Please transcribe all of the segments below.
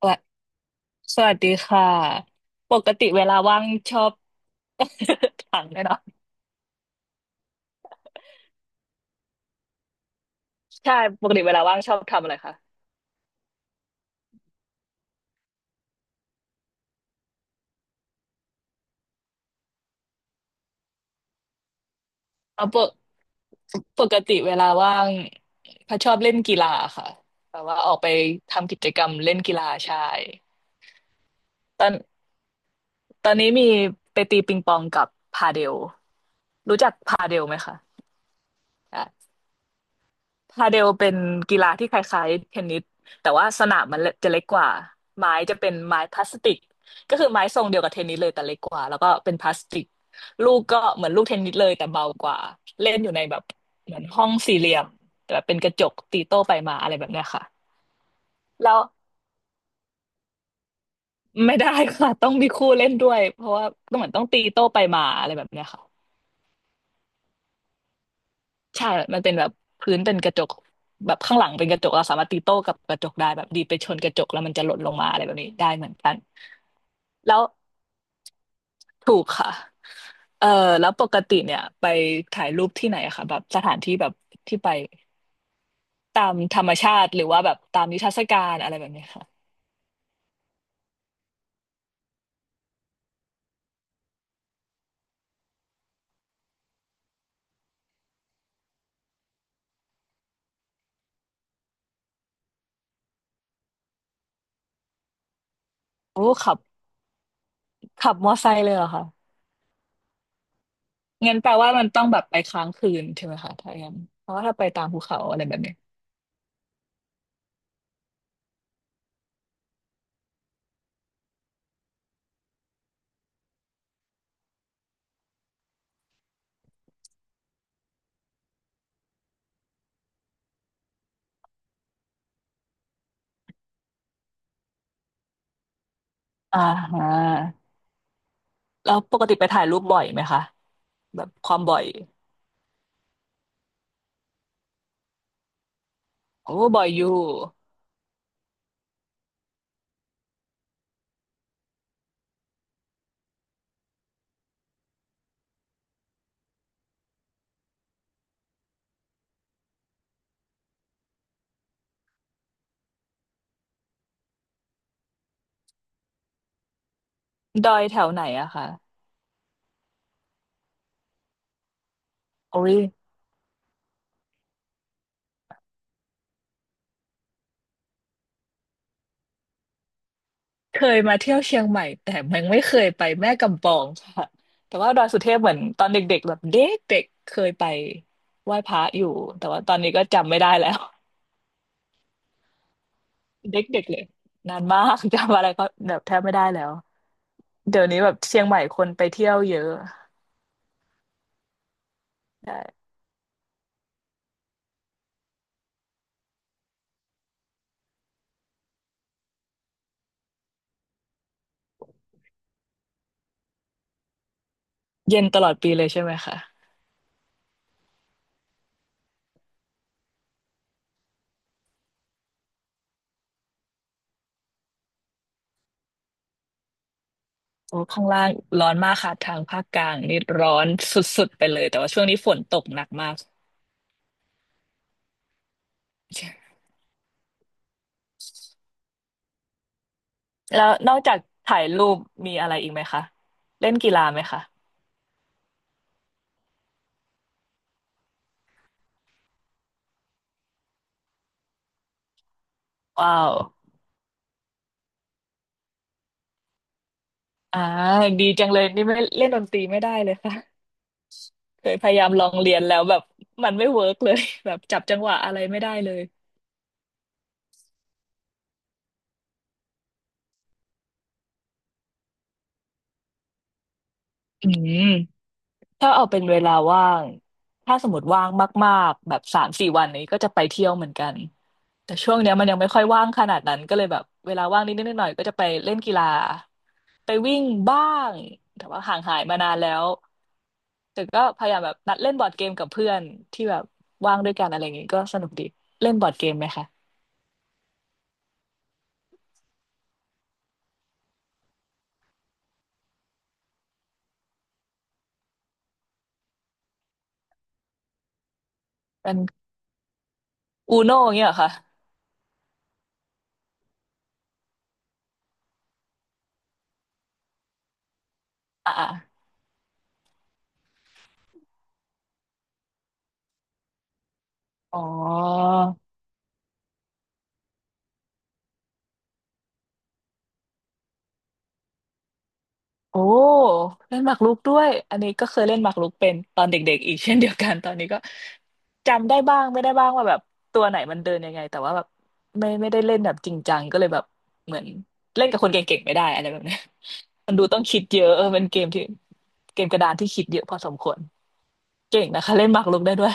สวัสสวัสดีค่ะปกติเวลาว่างชอบ ถามเลยเนาะใช่ปกติเวลาว่างชอบทำอะไรคะเอาปกปกติเวลาว่างพัชชอบเล่นกีฬาค่ะแบบว่าออกไปทำกิจกรรมเล่นกีฬาใช่ตอนตอนนี้มีไปตีปิงปองกับพาเดลรู้จักพาเดลไหมคะ พาเดลเป็นกีฬาที่คล้ายๆเทนนิสแต่ว่าสนามมันจะเล็กกว่าไม้จะเป็นไม้พลาสติกก็คือไม้ทรงเดียวกับเทนนิสเลยแต่เล็กกว่าแล้วก็เป็นพลาสติกลูกก็เหมือนลูกเทนนิสเลยแต่เบากว่าเล่นอยู่ในแบบเหมือนห้องสี่เหลี่ยมแบบเป็นกระจกตีโต้ไปมาอะไรแบบเนี้ยค่ะแล้วไม่ได้ค่ะต้องมีคู่เล่นด้วยเพราะว่าต้องเหมือนต้องตีโต้ไปมาอะไรแบบเนี้ยค่ะ ใช่มันเป็นแบบพื้นเป็นกระจกแบบข้างหลังเป็นกระจกเราสามารถตีโต้กับกระจกได้แบบดีดไปชนกระจกแล้วมันจะหล่นลงมาอะไรแบบนี้ได้เหมือนกันแล้วถูกค่ะเออแล้วปกติเนี่ยไปถ่ายรูปที่ไหนอะคะแบบสถานที่แบบที่ไปตามธรรมชาติหรือว่าแบบตามนิทรรศการอะไรแบบนี้ค่ะโอ้ขับขับมอไซค์เลยเหรอคะงั้นแปลว่ามันต้องแบบไปค้างคืนใช่ไหมคะถ้าอย่างนั้นเพราะว่าถ้าไปตามภูเขาอะไรแบบนี้อ่าฮะแล้วปกติไปถ่ายรูปบ่อยไหมคะแบบความบ่อย โอ้บ่อยอยู่ดอยแถวไหนอะคะโอ้ยเคยมาเที่ยวเชียงใหม่แต่ยังไม่เคยไปแม่กำปองค่ะแต่ว่าดอยสุเทพเหมือนตอนเด็กๆแบบเด็กๆเคยไปไหว้พระอยู่แต่ว่าตอนนี้ก็จำไม่ได้แล้ว เด็กๆเลยนานมาก จำอะไรก็แบบแทบไม่ได้แล้วเดี๋ยวนี้แบบเชียงใหม่คนไปเที่ยวเยอะใช่เย็นตลอดปีเลยใช่ไหมคะโอ้ข้างล่างร้อนมากค่ะทางภาคกลางนี่ร้อนสุดๆไปเลยแต่ว่าช่วงนี้ฝนตกหนักมาก แล้วนอกจากถ่ายรูปมีอะไรอีกไหมคะเล่นกีฬาไหมคะว้าวอ่าดีจังเลยนี่ไม่เล่นดนตรีไม่ได้เลยค่ะ เคยพยายามลองเรียนแล้วแบบมันไม่เวิร์กเลย แบบจับจังหวะอะไรไม่ได้เลยอืม ถ้าเอาเป็นเวลาว่างถ้าสมมติว่างมากๆแบบสามสี่วันนี้ก็จะไปเที่ยวเหมือนกันแต่ช่วงเนี้ยมันยังไม่ค่อยว่างขนาดนั้นก็เลยแบบเวลาว่างนิดๆหน่อยๆก็จะไปเล่นกีฬาไปวิ่งบ้างแต่ว่าห่างหายมานานแล้วแต่ก็พยายามแบบนัดเล่นบอร์ดเกมกับเพื่อนที่แบบว่างด้วยกันอะไรอย่างงี้ก็สนุกดีเล่นบอร์ดเกมไหมคะเป็นอูโน่เงี้ยเหรอคะอ่าๆอ๋อ โอ้เล่นหมากรุกด้วยอันนี้ก็เคยเล่นหมากรุกเป็นตอนเด็กๆอีกเช่นเดียวกันตอนนี้ก็จำได้บ้างไม่ได้บ้างว่าแบบตัวไหนมันเดินยังไงแต่ว่าแบบไม่ได้เล่นแบบจริงจังก็เลยแบบเหมือนเล่นกับคนเก่งๆไม่ได้อะไรแบบเนี้ยมันดูต้องคิดเยอะเออเป็นเกมที่เกมกระดานที่คิดเยอะพอสมควรเก่งนะคะเล่นหมากรุกได้ด้วย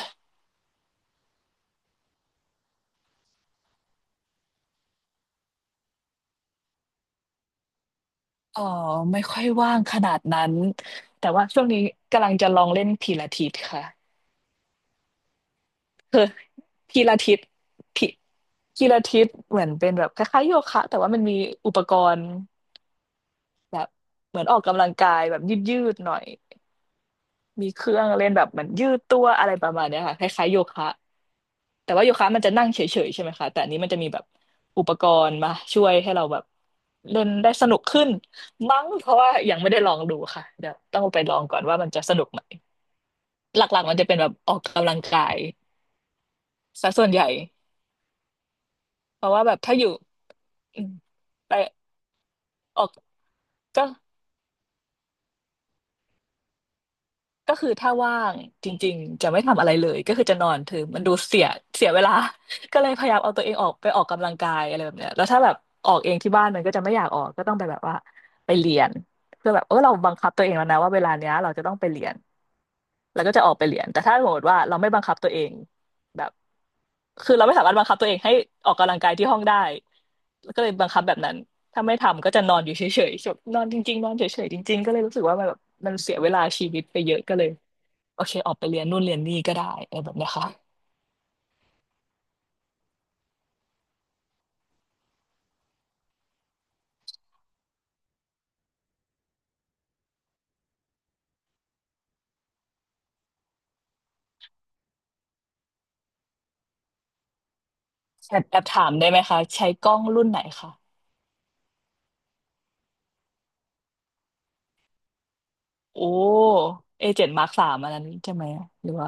อ๋อไม่ค่อยว่างขนาดนั้นแต่ว่าช่วงนี้กำลังจะลองเล่นพิลาทิสค่ะ คือพีลาทิสพีพีลาทิสเหมือนเป็นแบบคล้ายๆโยคะแต่ว่ามันมีอุปกรณ์แบบเหมือนออกกำลังกายแบบยืดๆหน่อยมีเครื่องเล่นแบบเหมือนยืดตัวอะไรประมาณเนี้ยค่ะคล้ายๆโยคะแต่ว่าโยคะมันจะนั่งเฉยๆใช่ไหมคะแต่อันนี้มันจะมีแบบอุปกรณ์มาช่วยให้เราแบบเล่นได้สนุกขึ้นมั้งเพราะว่ายังไม่ได้ลองดูค่ะเดี๋ยวต้องไปลองก่อนว่ามันจะสนุกไหมหลักๆมันจะเป็นแบบออกกำลังกายซะส่วนใหญ่เพราะว่าแบบถ้าอยู่ อืมไปออกก็ก็คือถ้าว่างจริงๆจะไม่ทำอะไรเลยก็คือจะนอนถือมันดูเสียเสียเวลา ก็เลยพยายามเอาตัวเองออกไปออกกำลังกายอะไรแบบเนี้ยแล้วถ้าแบบออกเองที่บ้านมันก็จะไม่อยากออกก็ต้องไปแบบว่าไปเรียนเพื่อแบบเออเราบังคับตัวเองแล้วนะว่าเวลาเนี้ยเราจะต้องไปเรียน แล้วก็จะออกไปเรียน แต่ถ้าสมมติว่าเราไม่บังคับตัวเองแบบ คือเราไม่สามารถบังคับตัวเองให้ออกกำลังกายที่ห้องได้แล้วก็เลยบังคับแบบนั้นถ้าไม่ทำก็จะนอนอยู่เฉยๆจบนอนจริงๆนอนเฉยๆจริงๆก็เลยรู้สึกว่ามันแบบมันเสียเวลาชีวิตไปเยอะก็เลยโอเคออกไปเรียนนู่นเรียนนี่ก็ได้อแบบเนี้ยค่ะแอบแอบถามได้ไหมคะใช้กล้องรุ่นไหนคะโอ้เอเจ็ดมาร์คสามอันนั้นใช่ไหมหรือว่า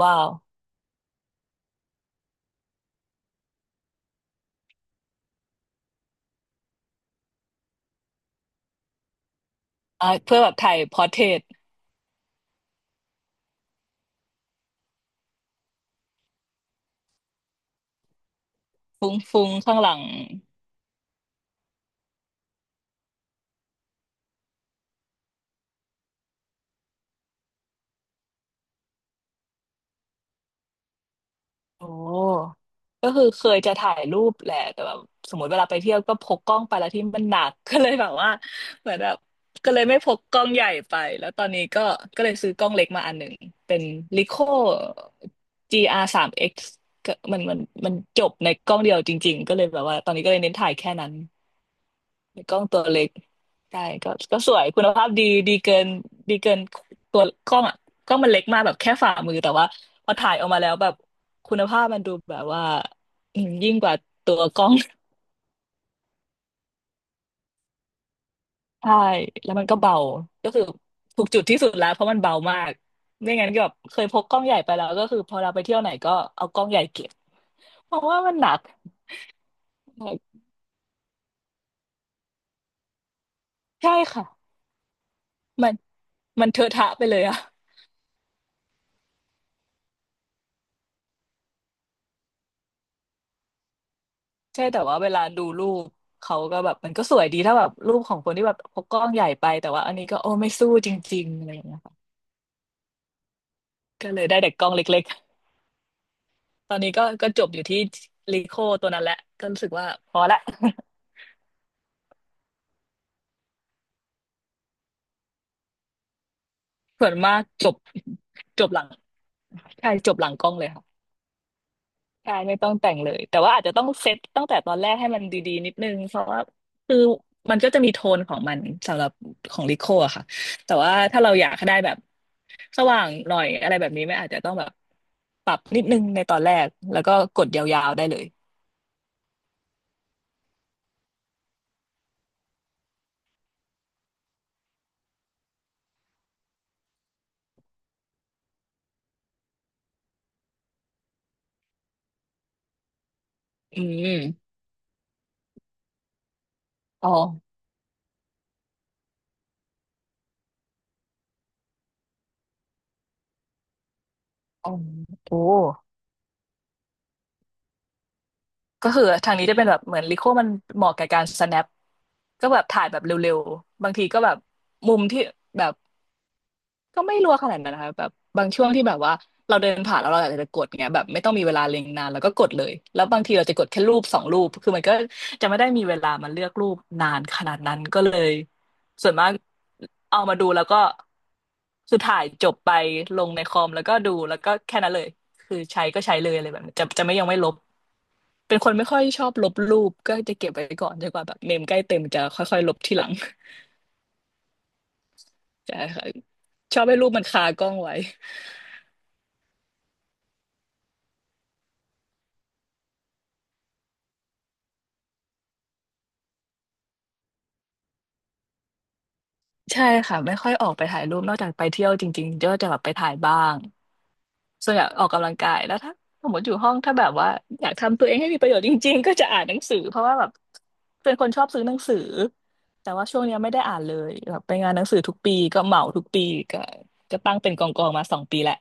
ว้าวอ่ะเพื่อแบบถ่ายพอร์เทรตฟุ้งๆข้างหลัง โอ้ก็คือเคยจะถ่ายรูปแหละแต่แบบสมมติเวลาไปเที่ยวก็พกกล้องไปแล้วที่มันหนัก ก็เลยแบบว่าเหมือนแบบก็เลยไม่พกกล้องใหญ่ไปแล้วตอนนี้ก็ก็เลยซื้อกล้องเล็กมาอันหนึ่งเป็น Leica จีอาริโอ GR 3X ก็มันจบในกล้องเดียวจริงๆก็เลยแบบว่าตอนนี้ก็เลยเน้นถ่ายแค่นั้นในกล้องตัวเล็กใช่ก็ก็สวยคุณภาพดีดีเกินดีเกินตัวกล้องอ่ะกล้องมันเล็กมากแบบแค่ฝ่ามือแต่ว่าพอถ่ายออกมาแล้วแบบ คุณภาพมันดูแบบว่ายิ่งกว่าตัวกล้อง ใช่แล้วมันก็เบาก็คือถูกจุดที่สุดแล้วเพราะมันเบามากไม่งั้นก็แบบเคยพกกล้องใหญ่ไปแล้วก็คือพอเราไปเที่ยวไหนก็เอากล้องใหญ่เก็บเพราะว่ามันหนักใช่ค่ะมันมันเทอะทะไปเลยอะใช่แต่ว่าเวลาดูรูปเขาก็แบบมันก็สวยดีถ้าแบบรูปของคนที่แบบพกกล้องใหญ่ไปแต่ว่าอันนี้ก็โอ้ไม่สู้จริงๆอะไรอย่างเงี้ยค่ะก็เลยได้แต่กล้องเล็ก ตอนนี้ก็ก็จบอยู่ที่ลีโคตัวนั้นแหละก็รู้สึกว่าพอละ ส่วนมากจบจบหลังใช่จบหลังกล้องเลยค่ะใช่ไม่ต้องแต่งเลยแต่ว่าอาจจะต้องเซตตั้งแต่ตอนแรกให้มันดีๆนิดนึงเพราะว่าคือมันก็จะมีโทนของมันสำหรับของลิโคอะค่ะแต่ว่าถ้าเราอยากให้ได้แบบสว่างหน่อยอะไรแบบนี้ไม่อาจจะต้องแบบปรับนิดนึงในตอนแรกแล้วก็กดยาวๆได้เลยอืมอ๋ออ๋อโอ้ ก็คือทางนี้จะเป็นแบบเหมือนลิโคมันเหมาะกับการ snap ก็แบบถ่ายแบบเร็วๆบางทีก็แบบมุมที่แบบก็ไม่รัวขนาดนั้นนะคะแบบบางช่วงที่แบบว่าเราเดินผ่านแล้วเราอยากจะกดเงี้ยแบบไม่ต้องมีเวลาเล็งนานแล้วก็กดเลยแล้วบางทีเราจะกดแค่รูปสองรูปคือมันก็จะไม่ได้มีเวลามาเลือกรูปนานขนาดนั้นก็เลยส่วนมากเอามาดูแล้วก็คือถ่ายจบไปลงในคอมแล้วก็ดูแล้วก็แค่นั้นเลย คือใช้ก็ใช้เลยอะไรแบบนี้จะไม่ยังไม่ลบ เป็นคนไม่ค่อยชอบลบรูปก็จะเก็บไว้ก่อนจนกว่าแบบเมมใกล้เต็มจะค่อยๆลบทีหลัง ใช่ค่ะชอบให้รูปมันคากล้องไว้ใช่ค่ะไม่ค่อยออกไปถ่ายรูปนอกจากไปเที่ยวจริงๆก็จะแบบไปถ่ายบ้างส่วนใหญ่ออกกำลังกายแล้วถ้าสมมติอยู่ห้องถ้าแบบว่าอยากทำตัวเองให้มีประโยชน์จริงๆก็จะอ่านหนังสือเพราะว่าแบบเป็นคนชอบซื้อหนังสือแต่ว่าช่วงเนี้ยไม่ได้อ่านเลยแบบไปงานหนังสือทุกปีก็เหมาทุกปีก็ก็ตั้งเป็นกองกองมาสองปีแหละ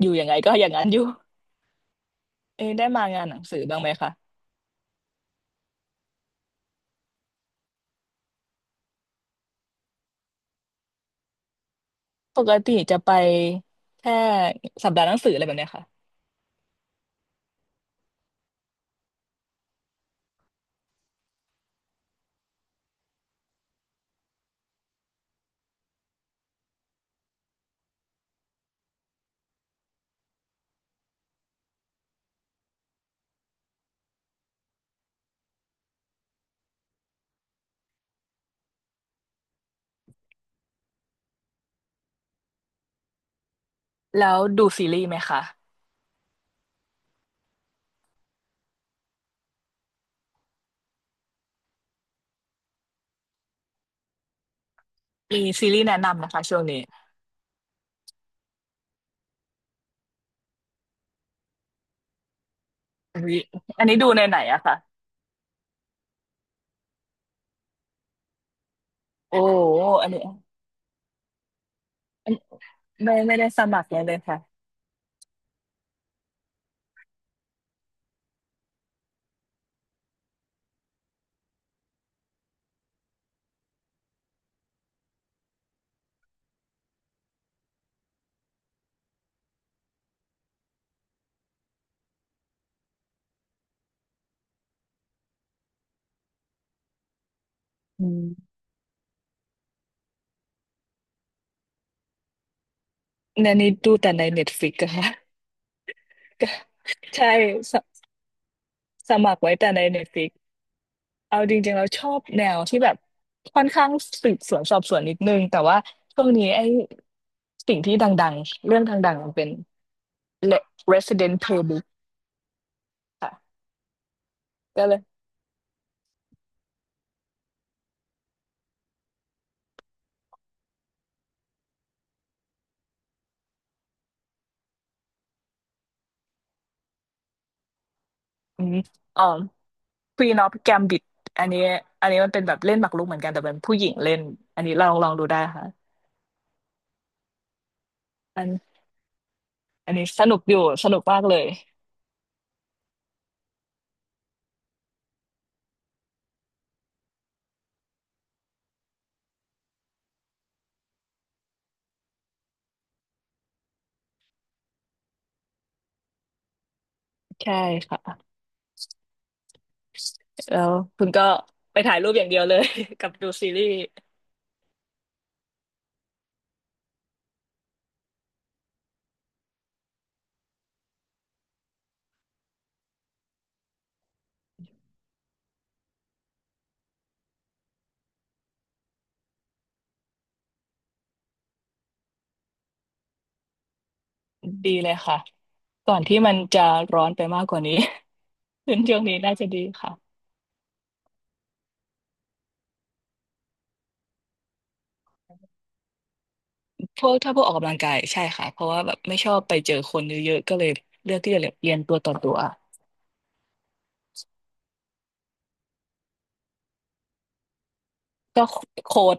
อยู่ยังไงก็อย่างนั้นอยู่ เอยได้มางานหนังสือบ้างไหมคะปกติจะไปแค่สัปดาห์หนังสืออะไรแบบเนี้ยค่ะแล้วดูซีรีส์ไหมคะมีซีรีส์แนะนำนะคะช่วงนี้อันนี้อันนี้ดูในไหนอะคะโอ้โหอันนี้อันไม่ไม่ได้สมัครเลยเลยค่ะอืมในนี้ดูแต่ในเน็ตฟลิกอะค่ะ ใช่สสมัครไว้แต่ในเน็ตฟลิก เอาจริงๆเราชอบแนวที่แบบค่อนข้างสืบสวนสอบสวนนิดนึงแต่ว่าช่วงนี้ไอ้สิ่งที่ดังๆเรื่องดังๆมันเป็น e Resident Playbook ค่ะก็เลยอืมอ๋อ Queen of Gambit อันนี้อันนี้มันเป็นแบบเล่นหมากรุกเหมือนกันแต่เป็นผู้หญิงเล่นอันนี้ลองดูได้ค่ะอันอันนี้สนุกอยู่สนุกมากเลยใช่ค่ะแล้วคุณก็ไปถ่ายรูปอย่างเดียวเลย กับดูซีรีส์ดีเลยค่ะก่อนที่มันจะร้อนไปมากกว่านี้ เป็นช่วงนี้น่าจะดีค่ะพวกถ้าพวกออกกำลังกายใช่ค่ะเพราะว่าแบบไม่ชอบไปเจอคนเยอะๆก็เลยเลือกที่จะเรียนตัวต่อตัวก็โค้ช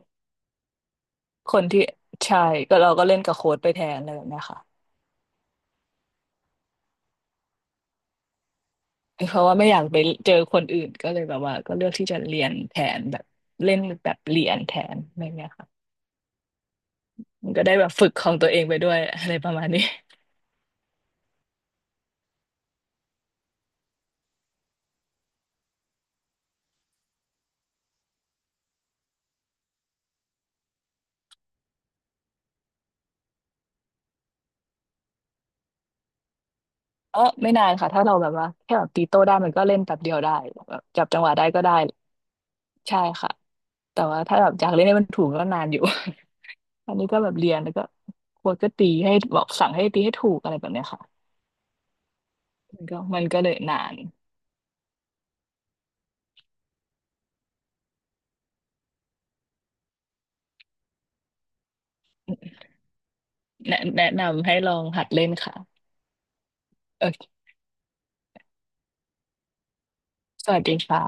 คนที่ใช่ก็เราก็เล่นกับโค้ชไปแทนอะไรแบบเนี้ยค่ะเพราะว่าไม่อยากไปเจอคนอื่นก็เลยแบบว่าก็เลือกที่จะเรียนแทนแบบเล่นแบบเรียนแทนอะไรเงี้ยค่ะมันก็ได้แบบฝึกของตัวเองไปด้วยอะไรประมาณนี้ เออไม่นานค่ะถ้าเราแบบว่าแค่แบบตีโต้ได้มันก็เล่นแบบเดียวได้แบบจับจังหวะได้ก็ได้ ใช่ค่ะแต่ว่าถ้าแบบอยากเล่นให้มันถูกก็นานอยู่ อันนี้ก็แบบเรียนแล้วก็โค้ชก็ตีให้บอกสั่งให้ตีให้ถูกอะไรแบบเนี้ยค่ะมันก็เลยนานแนะนำให้ลองหัดเล่นค่ะโอเคสวัสดีค่ะ